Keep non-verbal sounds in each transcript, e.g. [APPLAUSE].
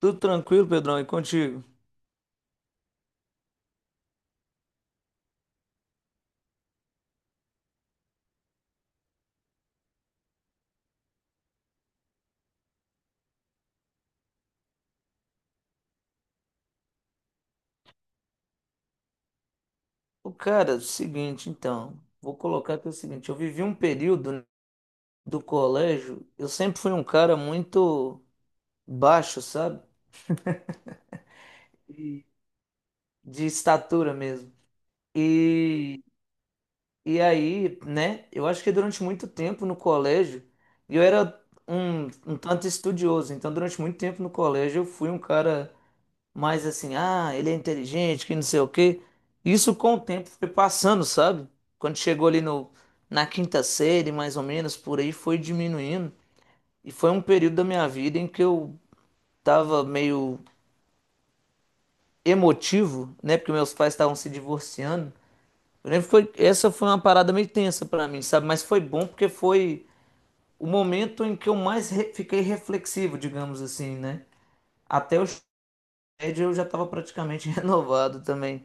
Tudo tranquilo, Pedrão, e contigo? O cara, seguinte, então, vou colocar aqui o seguinte, eu vivi um período, né, do colégio. Eu sempre fui um cara muito baixo, sabe? E De estatura mesmo. E, e aí, né, eu acho que durante muito tempo no colégio eu era um tanto estudioso. Então durante muito tempo no colégio eu fui um cara... Mas assim, ah, ele é inteligente, que não sei o quê. Isso com o tempo foi passando, sabe? Quando chegou ali no, na quinta série, mais ou menos, por aí, foi diminuindo. E foi um período da minha vida em que eu tava meio emotivo, né? Porque meus pais estavam se divorciando. Eu lembro que foi... essa foi uma parada meio tensa pra mim, sabe? Mas foi bom porque foi o momento em que eu mais fiquei reflexivo, digamos assim, né? Até o ensino médio eu já tava praticamente [LAUGHS] renovado também.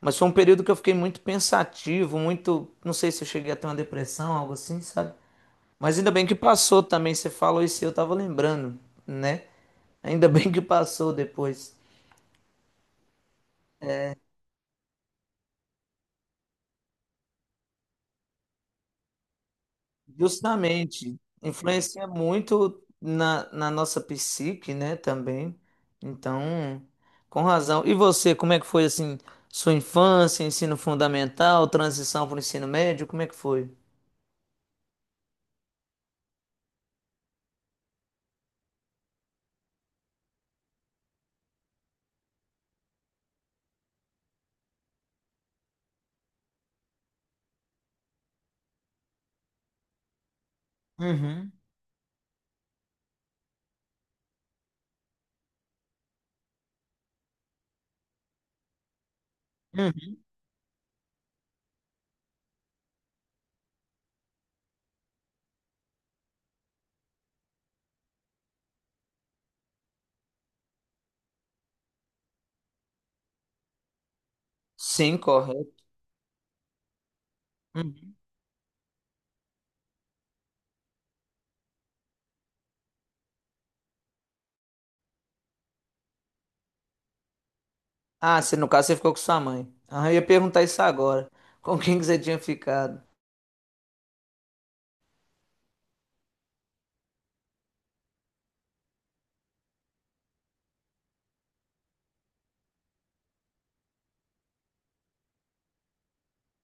Mas foi um período que eu fiquei muito pensativo, muito. Não sei se eu cheguei a ter uma depressão, algo assim, sabe? Mas ainda bem que passou também. Você falou isso e eu tava lembrando, né? Ainda [LAUGHS] bem que passou depois. Justamente, influencia muito na nossa psique, né? Também. Então, com razão. E você, como é que foi assim? Sua infância, ensino fundamental, transição para o ensino médio, como é que foi? Uhum, uhum. Sim, correto. Uhum. Ah, você, no caso você ficou com sua mãe. Ah, eu ia perguntar isso agora. [LAUGHS] Com quem que você tinha ficado?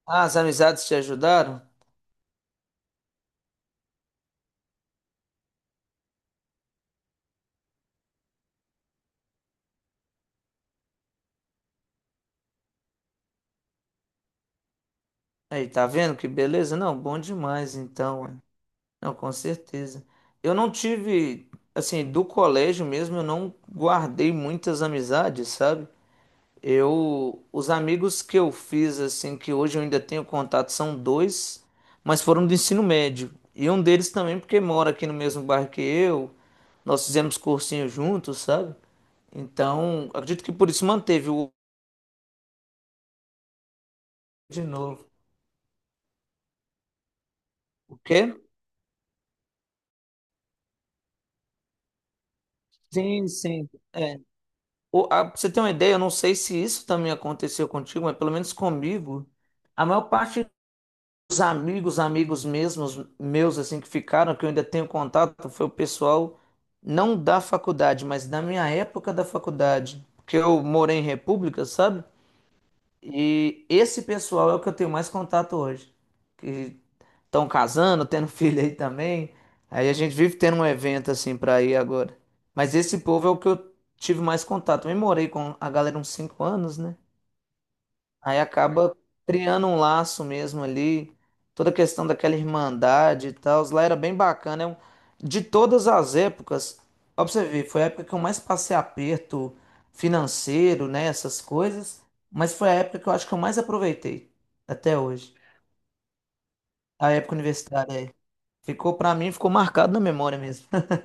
Ah, as amizades te ajudaram? Aí, tá vendo que beleza? Não, bom demais então. Ué. Não, com certeza. Eu não tive, assim, do colégio mesmo, eu não guardei muitas amizades, sabe? Eu, os amigos que eu fiz, assim, que hoje eu ainda tenho contato, são dois, mas foram do ensino médio. E um deles também, porque mora aqui no mesmo bairro que eu, nós fizemos cursinho juntos, sabe? Então, acredito que por isso manteve o de novo. O quê? Sim, sim. É. Pra você ter uma ideia, eu não sei se isso também aconteceu contigo, mas pelo menos comigo, a maior parte dos amigos, amigos mesmos, meus, assim, que ficaram, que eu ainda tenho contato, foi o pessoal não da faculdade, mas da minha época da faculdade, porque eu morei em república, sabe? E esse pessoal é o que eu tenho mais contato hoje. Que estão casando, tendo [LAUGHS] filho aí também. Aí a gente vive tendo um evento assim pra ir agora. Mas esse povo é o que eu tive mais contato. Eu morei com a galera uns 5 anos, né? Aí acaba criando um laço mesmo ali. Toda a questão daquela irmandade e tal. Lá era bem bacana. De todas as épocas, ó pra você ver, foi a época que eu mais passei aperto financeiro, né? Essas coisas. Mas foi a época que eu acho que eu mais aproveitei até hoje. A época universitária. Ficou pra mim, ficou marcado na memória mesmo. [LAUGHS]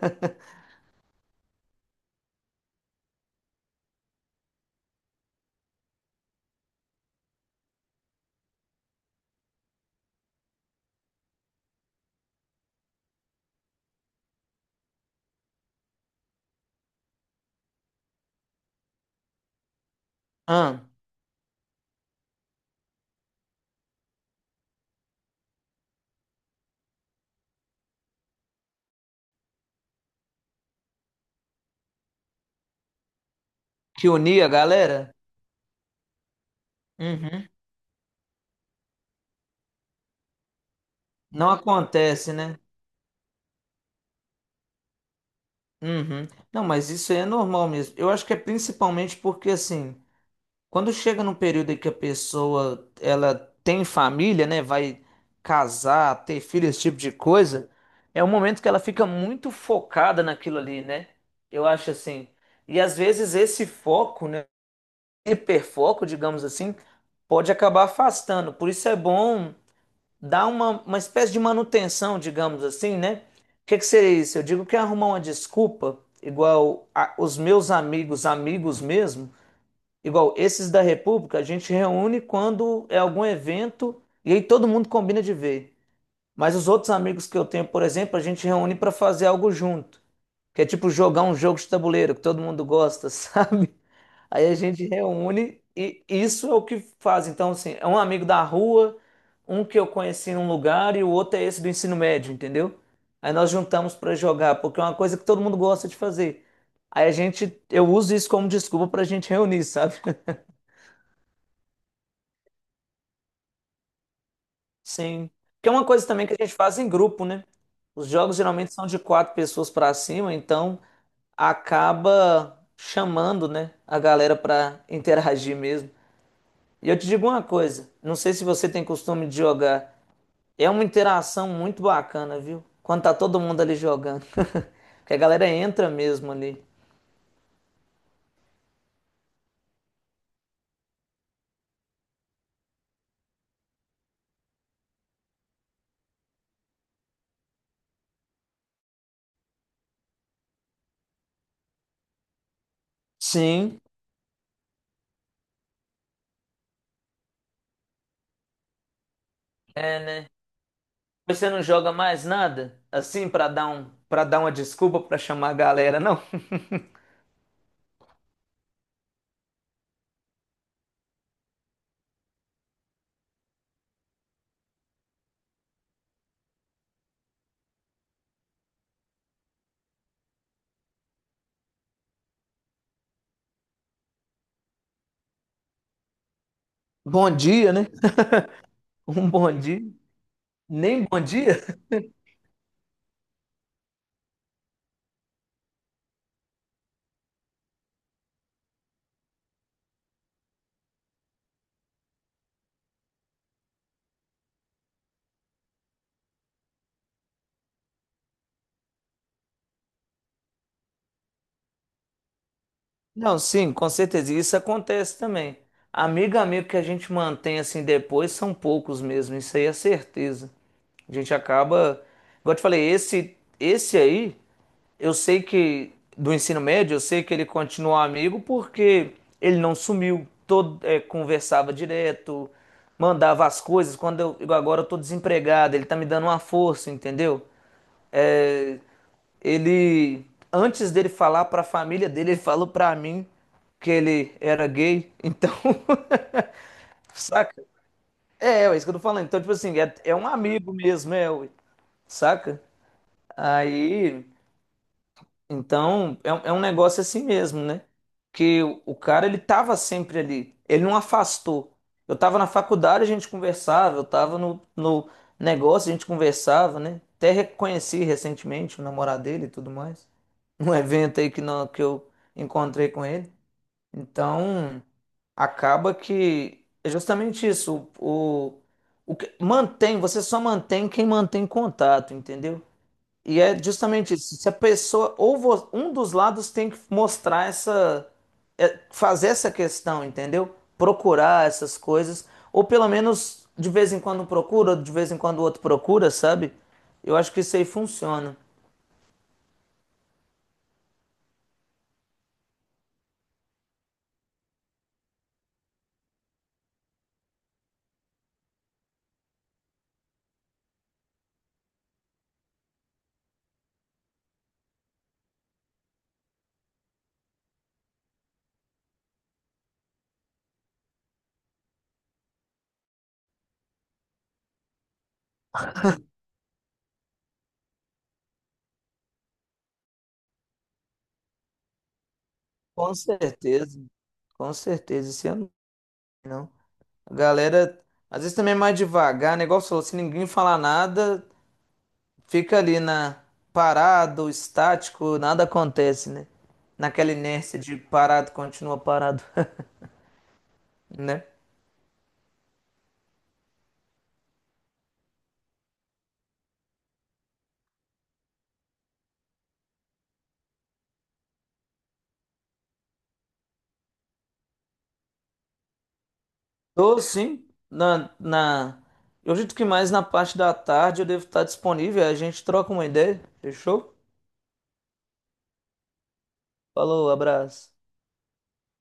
Ah, que unia a galera? Uhum. Não acontece, né? Uhum. Não, mas isso aí é normal mesmo. Eu acho que é principalmente porque, assim, quando chega num período em que a pessoa, ela tem família, né? Vai casar, ter filho, esse tipo de coisa, é um momento que ela fica muito focada naquilo ali, né? Eu acho assim. E às vezes esse foco, né? Hiperfoco, digamos assim, pode acabar afastando. Por isso é bom dá uma espécie de manutenção, digamos assim, né? O que que seria isso? Eu digo que é arrumar uma desculpa, igual os meus amigos, amigos mesmo, igual esses da República, a gente reúne quando é algum evento e aí todo mundo combina de ver. Mas os outros amigos que eu tenho, por exemplo, a gente reúne para fazer algo junto, que é tipo jogar um jogo de tabuleiro que todo mundo gosta, [LAUGHS] sabe? Aí a gente reúne e isso é o que faz. Então, assim, é um amigo da rua, um que eu conheci em um lugar e o outro é esse do ensino médio, entendeu? Aí nós juntamos pra jogar, porque é uma coisa que todo mundo gosta de fazer. Aí a gente, eu uso isso como desculpa pra gente reunir, sabe? [LAUGHS] Sim. Que é uma coisa também que a gente faz em grupo, né? Os jogos geralmente são de quatro pessoas pra cima, então acaba chamando, né, a galera pra interagir mesmo. E eu te digo uma coisa, não sei se você tem costume de jogar, é uma interação muito bacana, viu? Quando tá todo mundo ali jogando. [LAUGHS] Porque a galera entra mesmo ali. Sim, é, né? Você não joga mais nada? Assim, pra dar um, para dar uma desculpa pra chamar a galera, não? [LAUGHS] Bom dia, né? [LAUGHS] Um bom dia. Nem bom dia? Não, sim, com certeza. E isso acontece também. Amigo, amigo que a gente mantém assim depois são poucos mesmo, isso aí é certeza. A gente acaba, igual eu te falei, esse aí, eu sei que do ensino médio, eu sei que ele continuou amigo porque ele não sumiu, todo é, conversava direto, mandava as coisas. Quando eu, igual agora eu tô desempregado, ele tá me dando uma força, entendeu? É, ele, antes dele falar para a família dele, ele falou para mim que ele era gay. Então, [LAUGHS] saca? É, é isso que eu tô falando. Então, tipo assim, é, é um amigo mesmo, é, ué, saca? Aí então, é, é um negócio assim mesmo, né? Que o cara, ele tava sempre ali. Ele não afastou. Eu tava na faculdade, a gente conversava. Eu tava no negócio, a gente conversava, né? Até reconheci recentemente o namorado dele e tudo mais. [LAUGHS] Num evento aí que, não, que eu encontrei com ele. Então, acaba que é justamente isso. O que mantém, você só mantém quem mantém contato, entendeu? E é justamente isso. Se a pessoa, ou um dos lados tem que mostrar essa, é, fazer essa questão, entendeu? Procurar essas coisas, ou pelo menos de vez em quando um procura, de vez em quando o outro procura, sabe? Eu acho que isso aí funciona. Com certeza, com certeza, isso eu não. A galera, às vezes também é mais devagar, negócio falou, se ninguém falar nada, fica ali na parado, estático, nada acontece, né? Naquela inércia de parado, continua parado, [LAUGHS] né? Tô sim, na... Eu acredito que mais na parte da tarde eu devo estar disponível, a gente troca uma ideia, fechou? Falou, abraço.